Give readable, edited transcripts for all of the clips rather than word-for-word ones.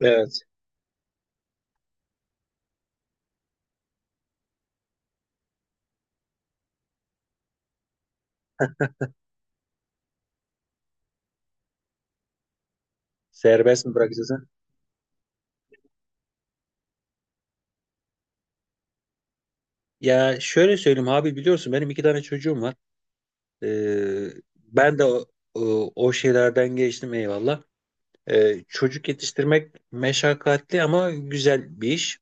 Evet. Serbest mi bırakacaksın? Ya şöyle söyleyeyim abi, biliyorsun benim iki tane çocuğum var. Ee, Ben de o şeylerden geçtim, eyvallah. Çocuk yetiştirmek meşakkatli ama güzel bir iş.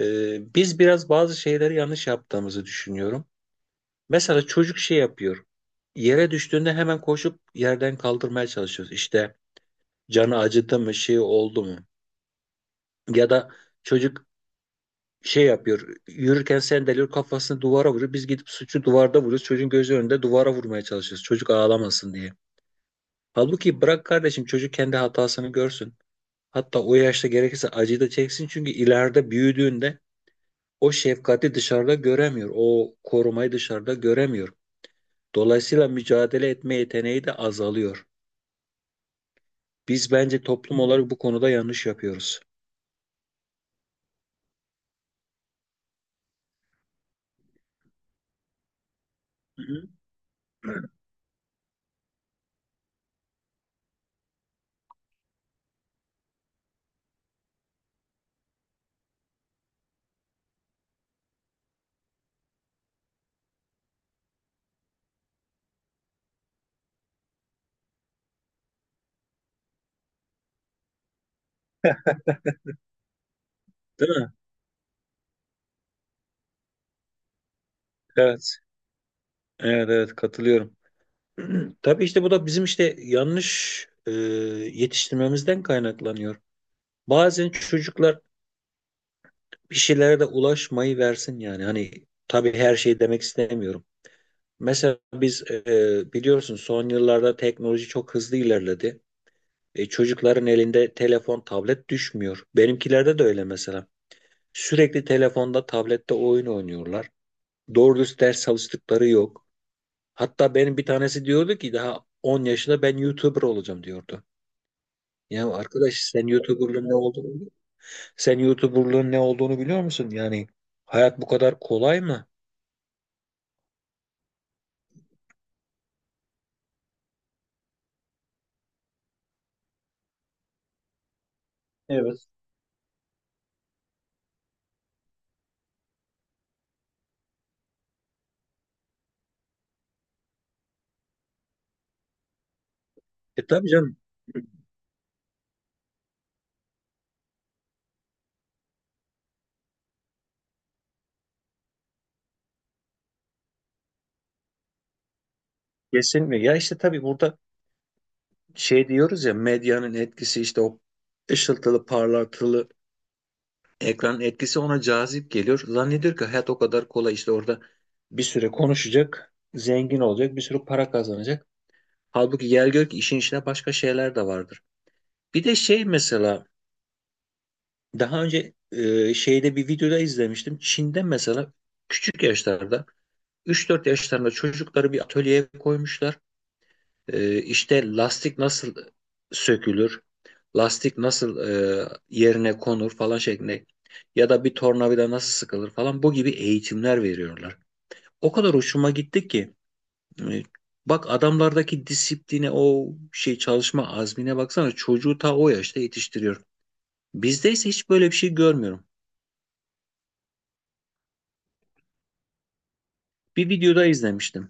Biz biraz bazı şeyleri yanlış yaptığımızı düşünüyorum. Mesela çocuk şey yapıyor. Yere düştüğünde hemen koşup yerden kaldırmaya çalışıyoruz. İşte canı acıdı mı, şey oldu mu? Ya da çocuk şey yapıyor. Yürürken sendeliyor, kafasını duvara vuruyor. Biz gidip suçu duvarda vuruyoruz. Çocuğun gözü önünde duvara vurmaya çalışıyoruz. Çocuk ağlamasın diye. Halbuki bırak kardeşim, çocuk kendi hatasını görsün. Hatta o yaşta gerekirse acıyı da çeksin. Çünkü ileride büyüdüğünde o şefkati dışarıda göremiyor. O korumayı dışarıda göremiyor. Dolayısıyla mücadele etme yeteneği de azalıyor. Biz bence toplum olarak bu konuda yanlış yapıyoruz. Hı hı. Değil mi? Evet. Evet, evet, katılıyorum. Tabii işte bu da bizim işte yanlış e, yetiştirmemizden kaynaklanıyor. Bazen çocuklar bir şeylere de ulaşmayı versin yani. Hani tabii her şey demek istemiyorum. Mesela biz biliyorsun son yıllarda teknoloji çok hızlı ilerledi. Çocukların elinde telefon, tablet düşmüyor. Benimkilerde de öyle mesela. Sürekli telefonda, tablette oyun oynuyorlar. Doğru dürüst ders çalıştıkları yok. Hatta benim bir tanesi diyordu ki daha 10 yaşında ben YouTuber olacağım diyordu. Ya arkadaş, sen YouTuber'lığın ne olduğunu biliyor musun? Sen YouTuber'lığın ne olduğunu biliyor musun? Yani hayat bu kadar kolay mı? Evet. E tabii canım. Kesinlikle. Ya işte tabii burada şey diyoruz ya, medyanın etkisi, işte o ışıltılı, parlatılı ekranın etkisi ona cazip geliyor. Zannediyor ki hayat o kadar kolay, işte orada bir süre konuşacak, zengin olacak, bir sürü para kazanacak. Halbuki gel gör ki işin içine başka şeyler de vardır. Bir de şey mesela, daha önce şeyde bir videoda izlemiştim. Çin'de mesela küçük yaşlarda, üç dört yaşlarında çocukları bir atölyeye koymuşlar. İşte lastik nasıl sökülür, lastik nasıl yerine konur falan şeklinde, ya da bir tornavida nasıl sıkılır falan, bu gibi eğitimler veriyorlar. O kadar hoşuma gitti ki e, bak adamlardaki disipline, o şey çalışma azmine baksana, çocuğu ta o yaşta yetiştiriyor. Bizde ise hiç böyle bir şey görmüyorum. Bir videoda izlemiştim.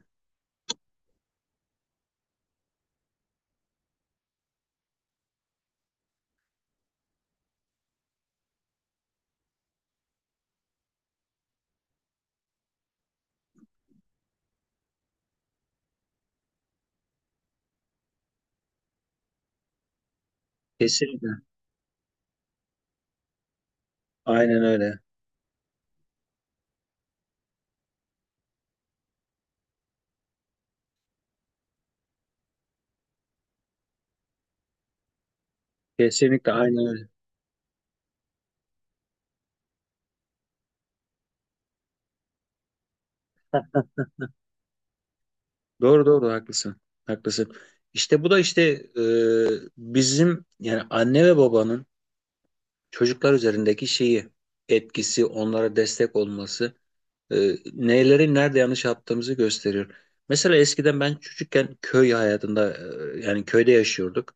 Kesinlikle. Aynen öyle. Kesinlikle, aynen öyle. Doğru doğru, haklısın. Haklısın. İşte bu da işte e, bizim yani anne ve babanın çocuklar üzerindeki şeyi, etkisi, onlara destek olması e, neleri nerede yanlış yaptığımızı gösteriyor. Mesela eskiden ben çocukken köy hayatında, yani köyde yaşıyorduk.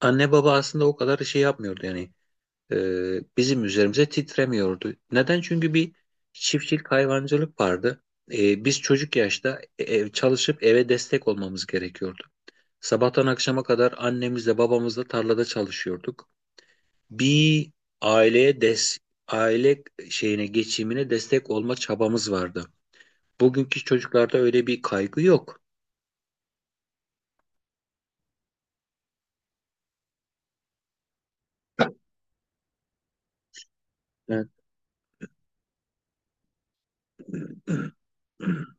Anne baba aslında o kadar şey yapmıyordu yani, e, bizim üzerimize titremiyordu. Neden? Çünkü bir çiftçilik hayvancılık vardı. Biz çocuk yaşta çalışıp eve destek olmamız gerekiyordu. Sabahtan akşama kadar annemizle babamızla tarlada çalışıyorduk. Bir aileye des aile şeyine, geçimine destek olma çabamız vardı. Bugünkü çocuklarda öyle bir kaygı yok. Evet.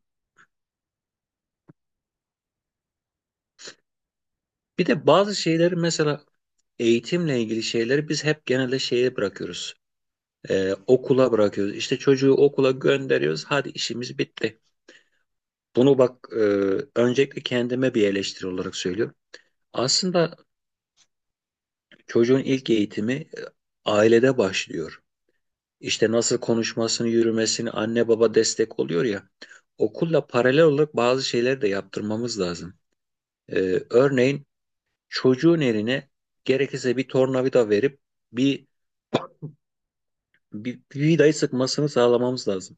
Bir de bazı şeyleri, mesela eğitimle ilgili şeyleri biz hep genelde şeye bırakıyoruz. Okula bırakıyoruz. İşte çocuğu okula gönderiyoruz. Hadi işimiz bitti. Bunu bak, öncelikle kendime bir eleştiri olarak söylüyorum. Aslında çocuğun ilk eğitimi ailede başlıyor. İşte nasıl konuşmasını, yürümesini anne baba destek oluyor ya. Okulla paralel olarak bazı şeyleri de yaptırmamız lazım. Örneğin çocuğun eline gerekirse bir tornavida verip bir, bir vidayı sıkmasını sağlamamız lazım.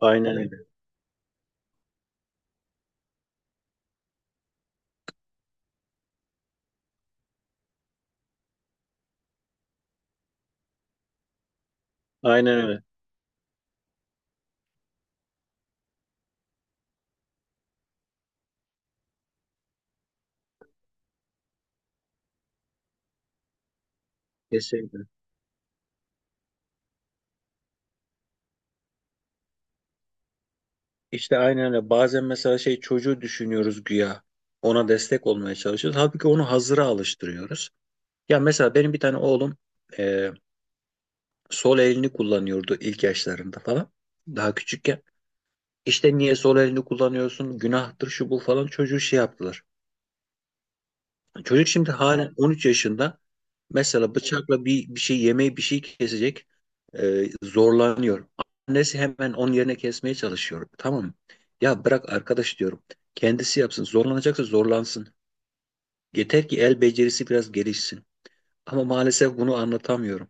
Aynen öyle. Aynen öyle. Kesinlikle. İşte aynen öyle. Bazen mesela şey, çocuğu düşünüyoruz güya. Ona destek olmaya çalışıyoruz. Halbuki onu hazıra alıştırıyoruz. Ya mesela benim bir tane oğlum e, sol elini kullanıyordu ilk yaşlarında falan. Daha küçükken. İşte niye sol elini kullanıyorsun? Günahtır şu bu falan, çocuğu şey yaptılar. Çocuk şimdi halen evet. 13 yaşında. Mesela bıçakla bir şey, yemeği, bir şey kesecek. Zorlanıyor. Annesi hemen onun yerine kesmeye çalışıyor. Tamam mı? Ya bırak arkadaş diyorum. Kendisi yapsın. Zorlanacaksa zorlansın. Yeter ki el becerisi biraz gelişsin. Ama maalesef bunu anlatamıyorum.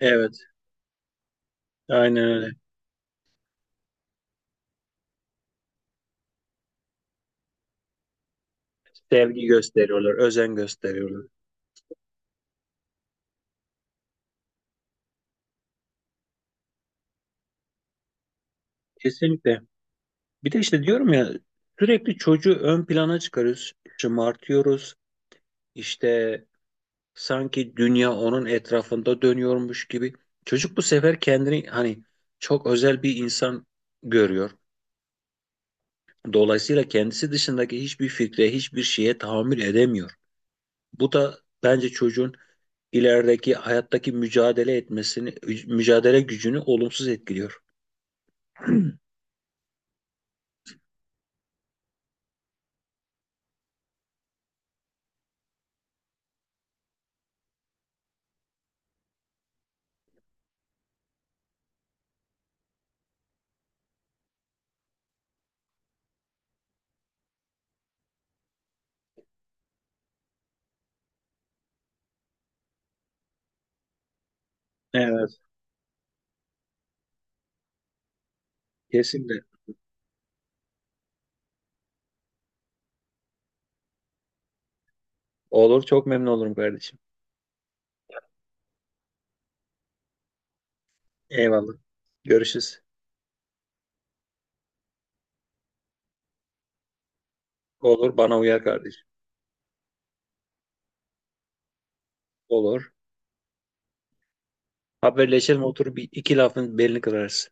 Evet, aynen öyle. Sevgi gösteriyorlar, özen gösteriyorlar. Kesinlikle. Bir de işte diyorum ya, sürekli çocuğu ön plana çıkarıyoruz. Şımartıyoruz. İşte. Sanki dünya onun etrafında dönüyormuş gibi. Çocuk bu sefer kendini hani çok özel bir insan görüyor. Dolayısıyla kendisi dışındaki hiçbir fikre, hiçbir şeye tahammül edemiyor. Bu da bence çocuğun ilerideki hayattaki mücadele etmesini, mücadele gücünü olumsuz etkiliyor. Evet, kesinlikle. Olur, çok memnun olurum kardeşim. Eyvallah. Görüşürüz. Olur, bana uyar kardeşim. Olur. Haberleşelim, oturup bir iki lafın belini kırarız.